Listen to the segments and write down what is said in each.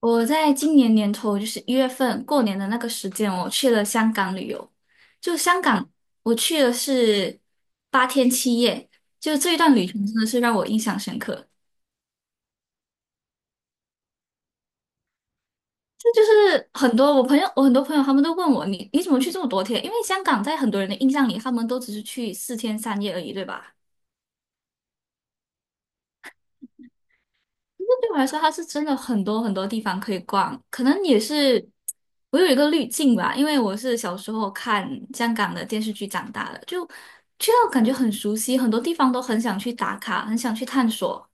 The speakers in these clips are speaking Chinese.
我在今年年头，就是一月份过年的那个时间，我去了香港旅游。就香港，我去的是8天7夜，就这一段旅程真的是让我印象深刻。这就是很多我朋友，我很多朋友他们都问我，你怎么去这么多天？因为香港在很多人的印象里，他们都只是去4天3夜而已，对吧？那对我来说，它是真的很多很多地方可以逛，可能也是我有一个滤镜吧，因为我是小时候看香港的电视剧长大的，就去到感觉很熟悉，很多地方都很想去打卡，很想去探索。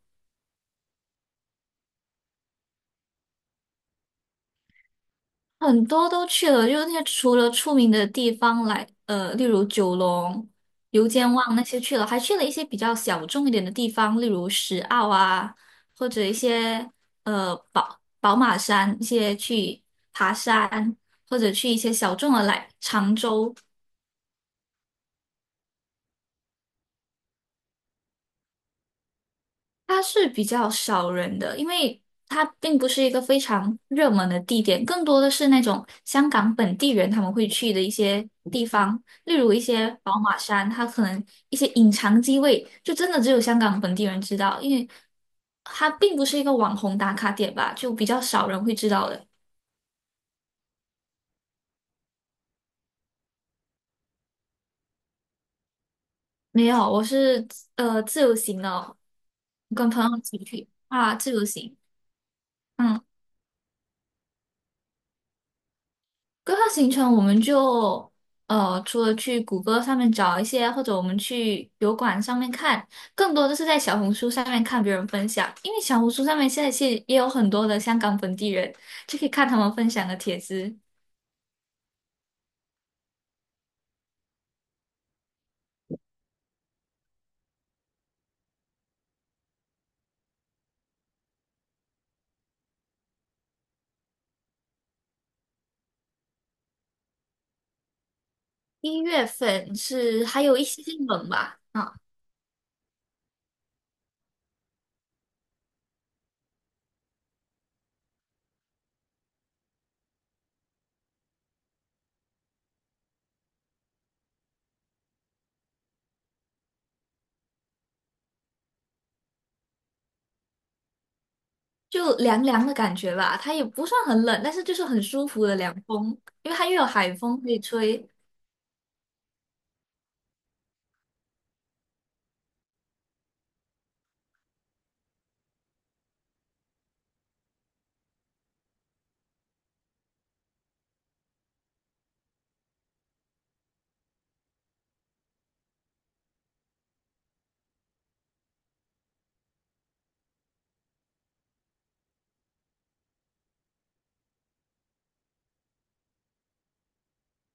很多都去了，就是那些除了出名的地方来，例如九龙、油尖旺那些去了，还去了一些比较小众一点的地方，例如石澳啊，或者一些宝马山一些去爬山，或者去一些小众的来常州，它是比较少人的，因为它并不是一个非常热门的地点，更多的是那种香港本地人他们会去的一些地方，例如一些宝马山，它可能一些隐藏机位，就真的只有香港本地人知道，因为它并不是一个网红打卡点吧，就比较少人会知道的。没有，我是自由行的哦跟朋友一起去啊，自由行。嗯。规划行程，我们就除了去谷歌上面找一些，或者我们去油管上面看，更多的是在小红书上面看别人分享，因为小红书上面现在其实也有很多的香港本地人，就可以看他们分享的帖子。一月份是还有一些些冷吧，啊，就凉凉的感觉吧，它也不算很冷，但是就是很舒服的凉风，因为它又有海风可以吹。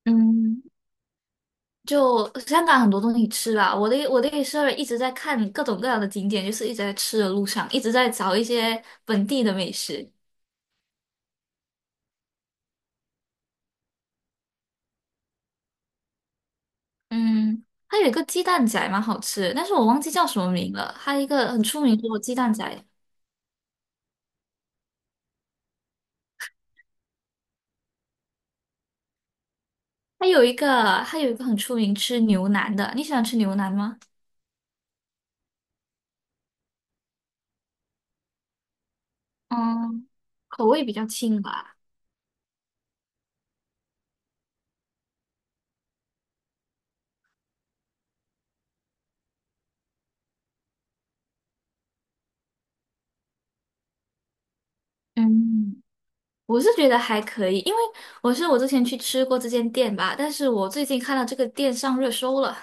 嗯，就香港很多东西吃啦，我的也是一直在看各种各样的景点，就是一直在吃的路上，一直在找一些本地的美食。嗯，它有一个鸡蛋仔蛮好吃的但是我忘记叫什么名了。它一个很出名的鸡蛋仔，它有一个很出名吃牛腩的，你喜欢吃牛腩吗？嗯，口味比较轻吧。嗯，我是觉得还可以，因为我是我之前去吃过这间店吧，但是我最近看到这个店上热搜了。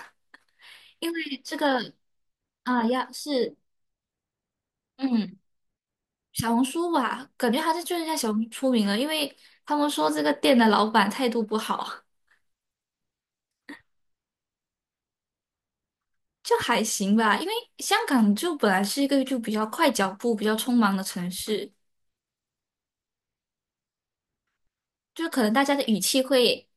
因为这个是，嗯，小红书吧，感觉还是就是在小红书出名了，因为他们说这个店的老板态度不好，就还行吧。因为香港就本来是一个就比较快脚步、比较匆忙的城市，就可能大家的语气会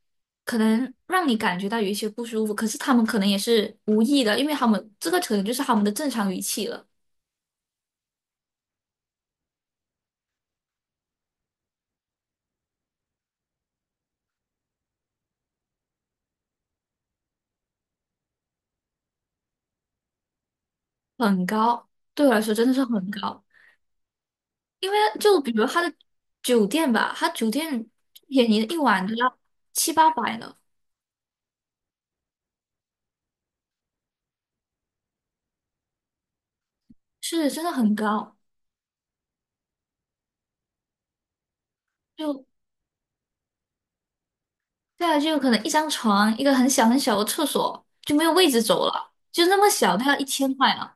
可能让你感觉到有一些不舒服，可是他们可能也是无意的，因为他们这个可能就是他们的正常语气了，很高，对我来说真的是很高。因为就比如他的酒店吧，他酒店便宜一晚都要七八百呢，是真的很高。就再来就可能一张床，一个很小很小的厕所就没有位置走了，就那么小都要1000块呢。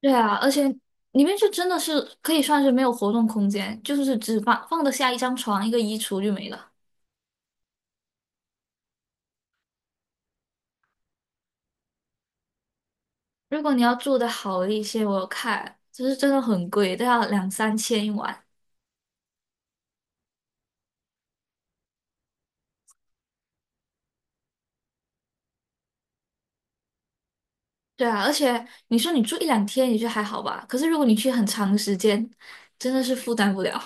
对啊，而且里面就真的是可以算是没有活动空间，就是只放放得下一张床、一个衣橱就没了。如果你要住的好一些，我有看就是真的很贵，都要两三千一晚。对啊，而且你说你住一两天也就还好吧，可是如果你去很长的时间，真的是负担不了，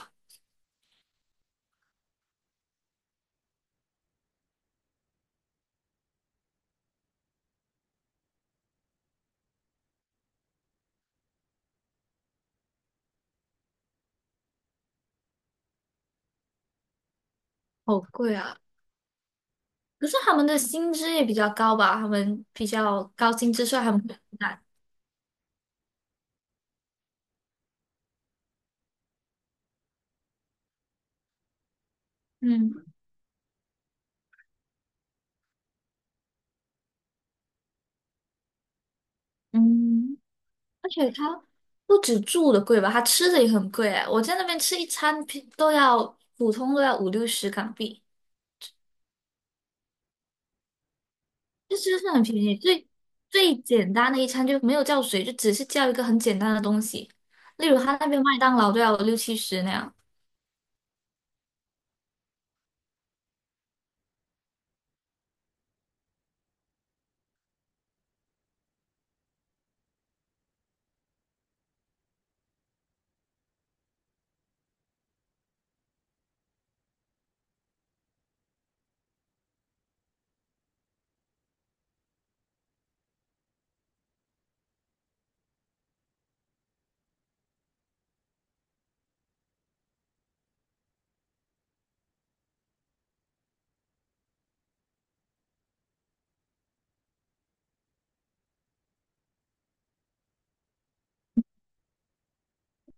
好贵啊！可是他们的薪资也比较高吧，他们比较高薪资，所以他们会很难。嗯嗯，而且他不止住的贵吧，他吃的也很贵哎，我在那边吃一餐平都要普通都要五六十港币，就真的是很便宜，最简单的一餐就没有叫水，就只是叫一个很简单的东西，例如他那边麦当劳都要六七十那样。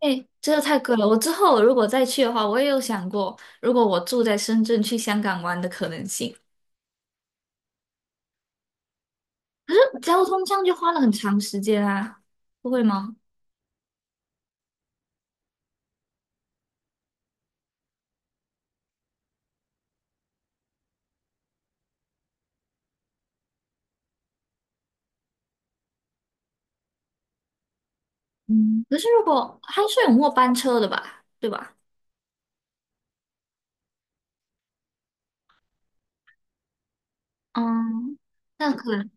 哎，这个太贵了。我之后如果再去的话，我也有想过，如果我住在深圳去香港玩的可能性。交通上就花了很长时间啊，不会吗？嗯，可是如果还是有末班车的吧，对吧？嗯，那可能，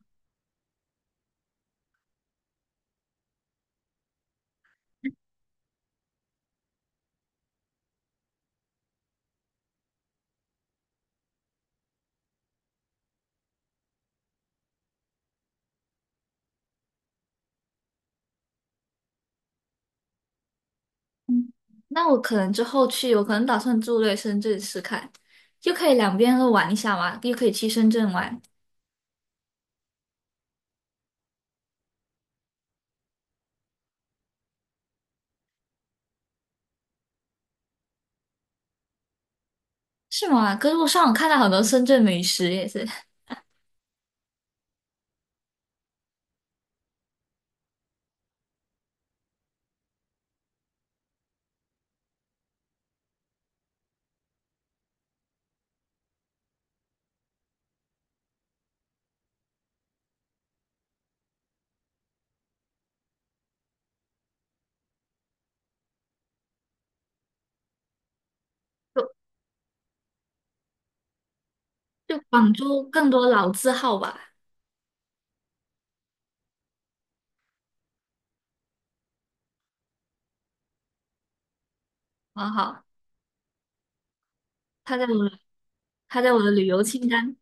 嗯那我可能之后去，我可能打算住在深圳试看，就可以两边都玩一下嘛，又可以去深圳玩，是吗？可是我上网看到很多深圳美食也是，就就广州更多老字号吧，好好。他在我它在我的旅游清单。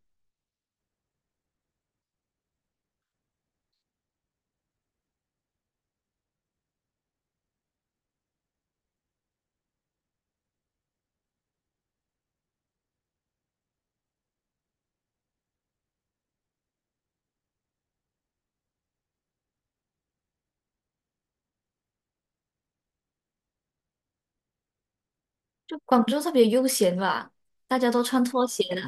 就广州特别悠闲吧，大家都穿拖鞋的。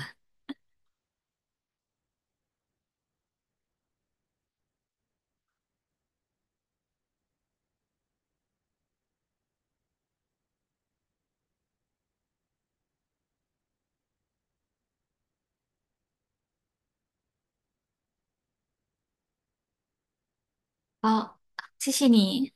好，谢谢你。